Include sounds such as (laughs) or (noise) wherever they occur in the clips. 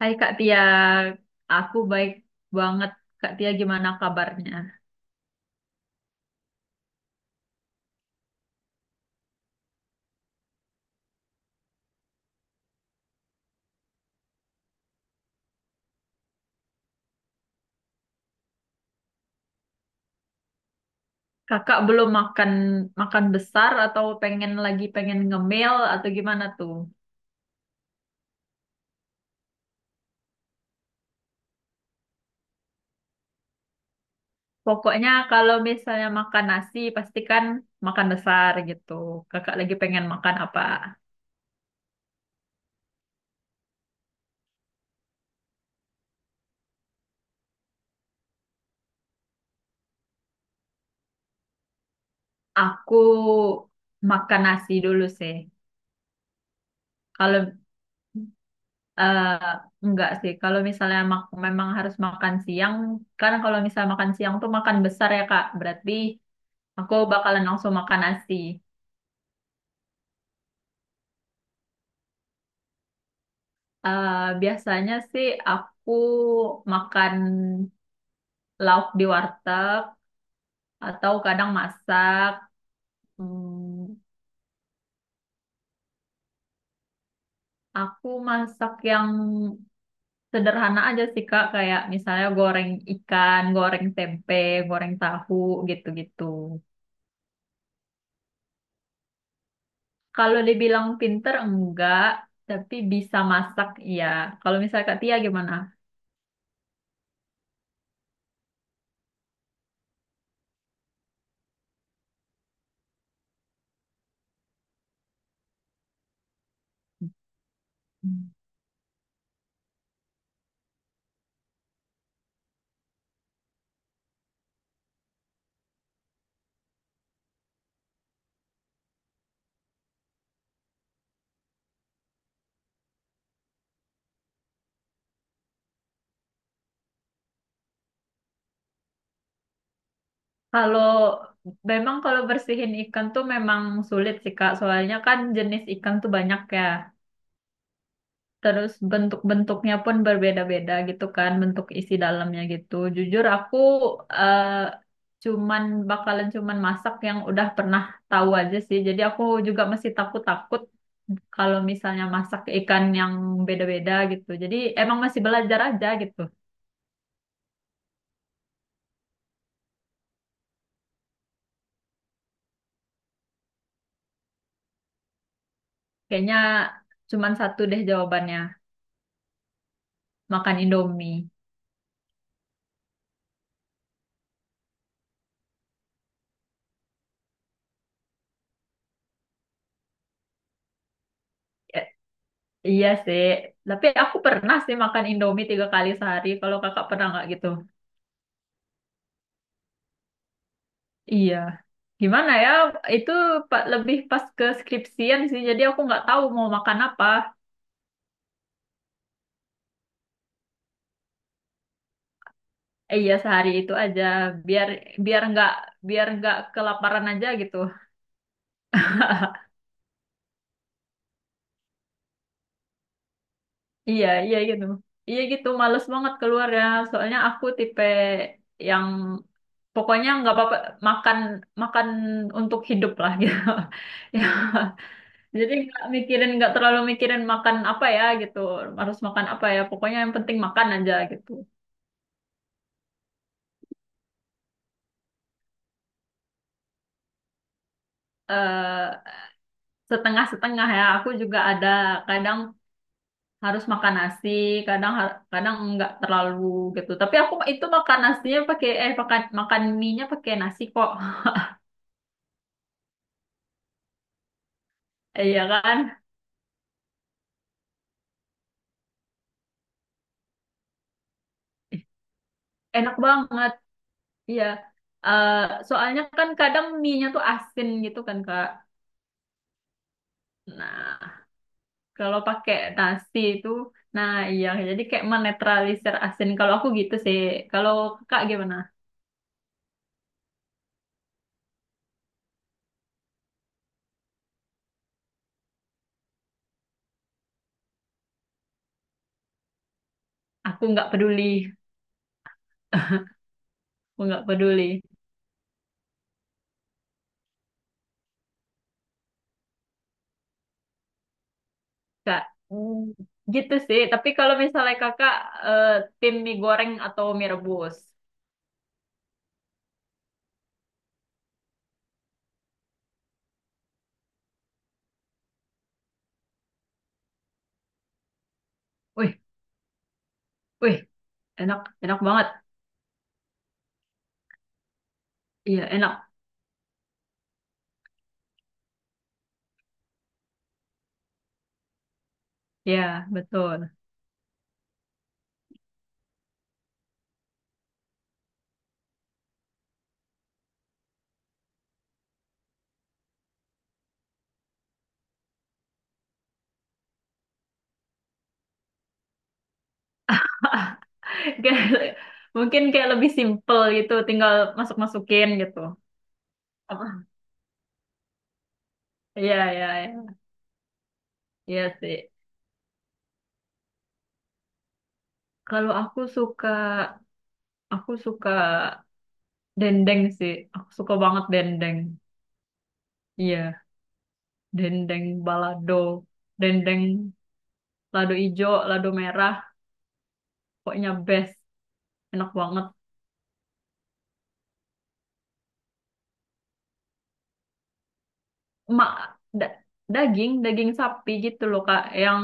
Hai Kak Tia, aku baik banget. Kak Tia gimana kabarnya? Kakak belum makan makan besar atau pengen ngemil atau gimana tuh? Pokoknya kalau misalnya makan nasi pastikan makan besar gitu. Kakak lagi pengen makan apa? Aku makan nasi dulu sih. Kalau eh, enggak sih, kalau misalnya memang harus makan siang, kan kalau misalnya makan siang tuh makan besar ya Kak. Berarti aku bakalan langsung makan nasi. Eh, Biasanya sih aku makan lauk di warteg atau kadang masak. Hmm, aku masak yang sederhana aja sih Kak, kayak misalnya goreng ikan, goreng tempe, goreng tahu gitu-gitu. Kalau dibilang pinter enggak, tapi bisa masak iya. Kalau misalnya Kak Tia gimana? Kalau memang kalau bersihin ikan tuh memang sulit sih Kak, soalnya kan jenis ikan tuh banyak ya. Terus bentuk-bentuknya pun berbeda-beda gitu kan, bentuk isi dalamnya gitu. Jujur aku eh, cuman bakalan masak yang udah pernah tahu aja sih. Jadi aku juga masih takut-takut kalau misalnya masak ikan yang beda-beda gitu. Jadi emang masih belajar aja gitu. Kayaknya cuman satu deh jawabannya, makan Indomie. Iya sih, tapi aku pernah sih makan Indomie 3 kali sehari. Kalau kakak pernah nggak gitu? Iya. Gimana ya? Itu lebih pas ke skripsian sih. Jadi aku nggak tahu mau makan apa. Iya sehari itu aja. Biar biar nggak biar nggak kelaparan aja gitu. (laughs) Iya iya gitu. Iya gitu. Males banget keluar ya. Soalnya aku tipe yang pokoknya nggak apa-apa makan makan untuk hidup lah gitu. (laughs) Ya. Jadi nggak mikirin, nggak terlalu mikirin makan apa ya gitu, harus makan apa ya, pokoknya yang penting makan aja gitu. Eh, setengah-setengah ya, aku juga ada kadang harus makan nasi, kadang kadang nggak terlalu gitu. Tapi aku itu makan nasinya pakai eh makan makan mie-nya pakai nasi kok, (laughs) iya kan, enak banget, iya. eh Soalnya kan kadang mie-nya tuh asin gitu kan Kak. Nah. Kalau pakai nasi itu, nah iya, jadi kayak menetralisir asin. Kalau aku gitu sih. Kalau kakak gimana? Aku nggak peduli, aku nggak peduli. Kak, hmm, gitu sih. Tapi kalau misalnya kakak eh, tim mie goreng atau mie rebus, wih, wih, enak, enak banget. Iya, enak. Iya, betul. (laughs) Kayak- mungkin kayak lebih simple gitu, tinggal masuk-masukin gitu. Apa? Iya, iya, iya. Iya sih. Kalau aku suka Aku suka dendeng sih. Aku suka banget dendeng. Iya, dendeng balado, dendeng lado ijo, lado merah, pokoknya best. Enak banget. Ma, da- Daging, daging sapi gitu loh, Kak, yang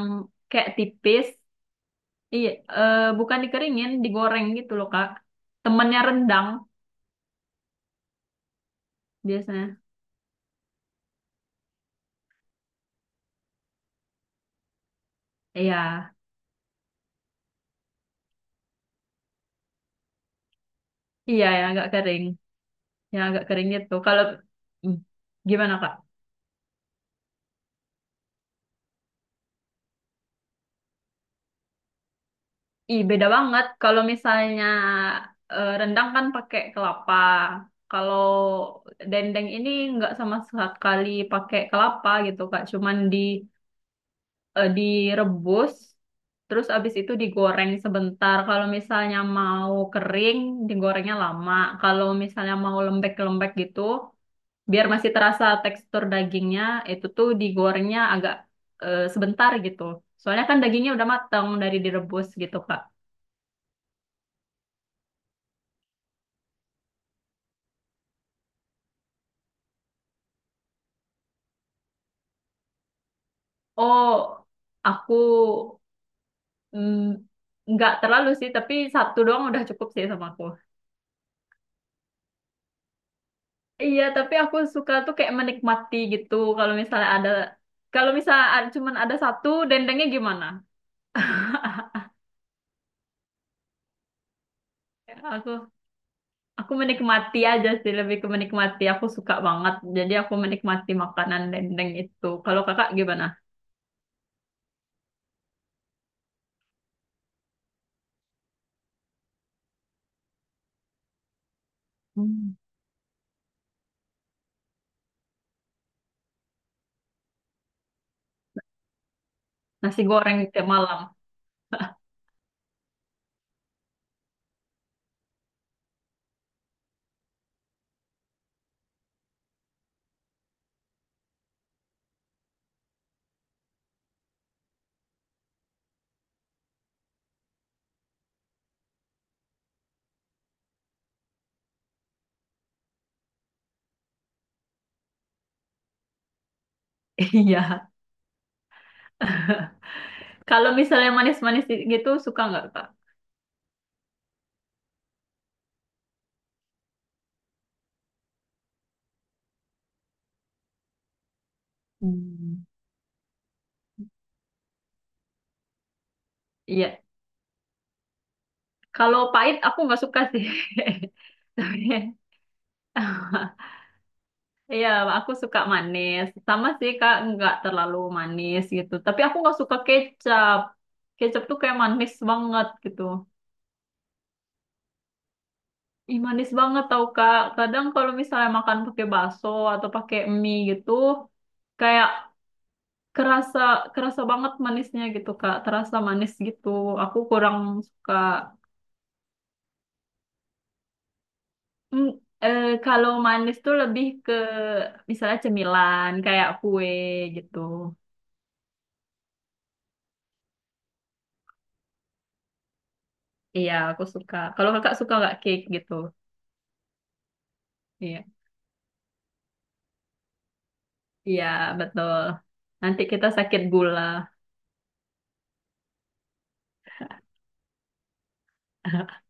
kayak tipis. Iya, eh, bukan dikeringin, digoreng gitu loh, Kak. Temennya rendang biasanya. Iya, iya yang agak kering gitu. Kalau hmm, gimana, Kak? Ih, beda banget. Kalau misalnya rendang kan pakai kelapa. Kalau dendeng ini nggak sama sekali pakai kelapa gitu, Kak. Cuman di direbus, terus abis itu digoreng sebentar. Kalau misalnya mau kering, digorengnya lama. Kalau misalnya mau lembek-lembek gitu, biar masih terasa tekstur dagingnya, itu tuh digorengnya agak sebentar gitu. Soalnya kan dagingnya udah matang dari direbus gitu, Kak. Oh, aku mm, nggak terlalu sih, tapi satu doang udah cukup sih sama aku. Iya, tapi aku suka tuh kayak menikmati gitu. Kalau misalnya ada, cuman ada satu, dendengnya gimana? Ya, aku menikmati aja sih, lebih ke menikmati. Aku suka banget, jadi aku menikmati makanan dendeng itu. Kalau kakak gimana? Hmm. Nasi goreng tiap malam. (laughs) Iya. (laughs) Kalau misalnya manis-manis gitu, suka nggak kak? Hmm. Iya, kalau pahit aku nggak suka sih. (laughs) Tapi (laughs) iya, aku suka manis. Sama sih Kak, nggak terlalu manis gitu. Tapi aku nggak suka kecap. Kecap tuh kayak manis banget gitu. Ih, manis banget tau Kak. Kadang kalau misalnya makan pakai bakso atau pakai mie gitu, kayak kerasa kerasa banget manisnya gitu Kak. Terasa manis gitu. Aku kurang suka. Hmm, eh, kalau manis tuh lebih ke misalnya cemilan kayak kue gitu. Iya, aku suka. Kalau kakak suka nggak cake gitu? Iya, iya betul. Nanti kita sakit gula. (laughs)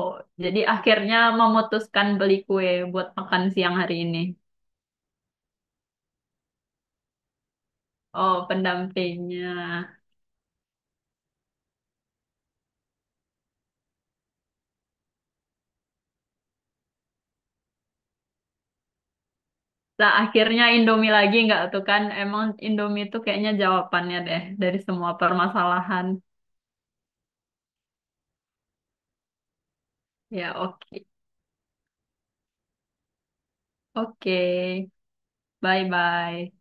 Oh, jadi akhirnya memutuskan beli kue buat makan siang hari ini. Oh, pendampingnya. Nah, akhirnya Indomie lagi nggak tuh kan? Emang Indomie tuh kayaknya jawabannya deh dari semua permasalahan. Ya, oke. Oke, bye-bye.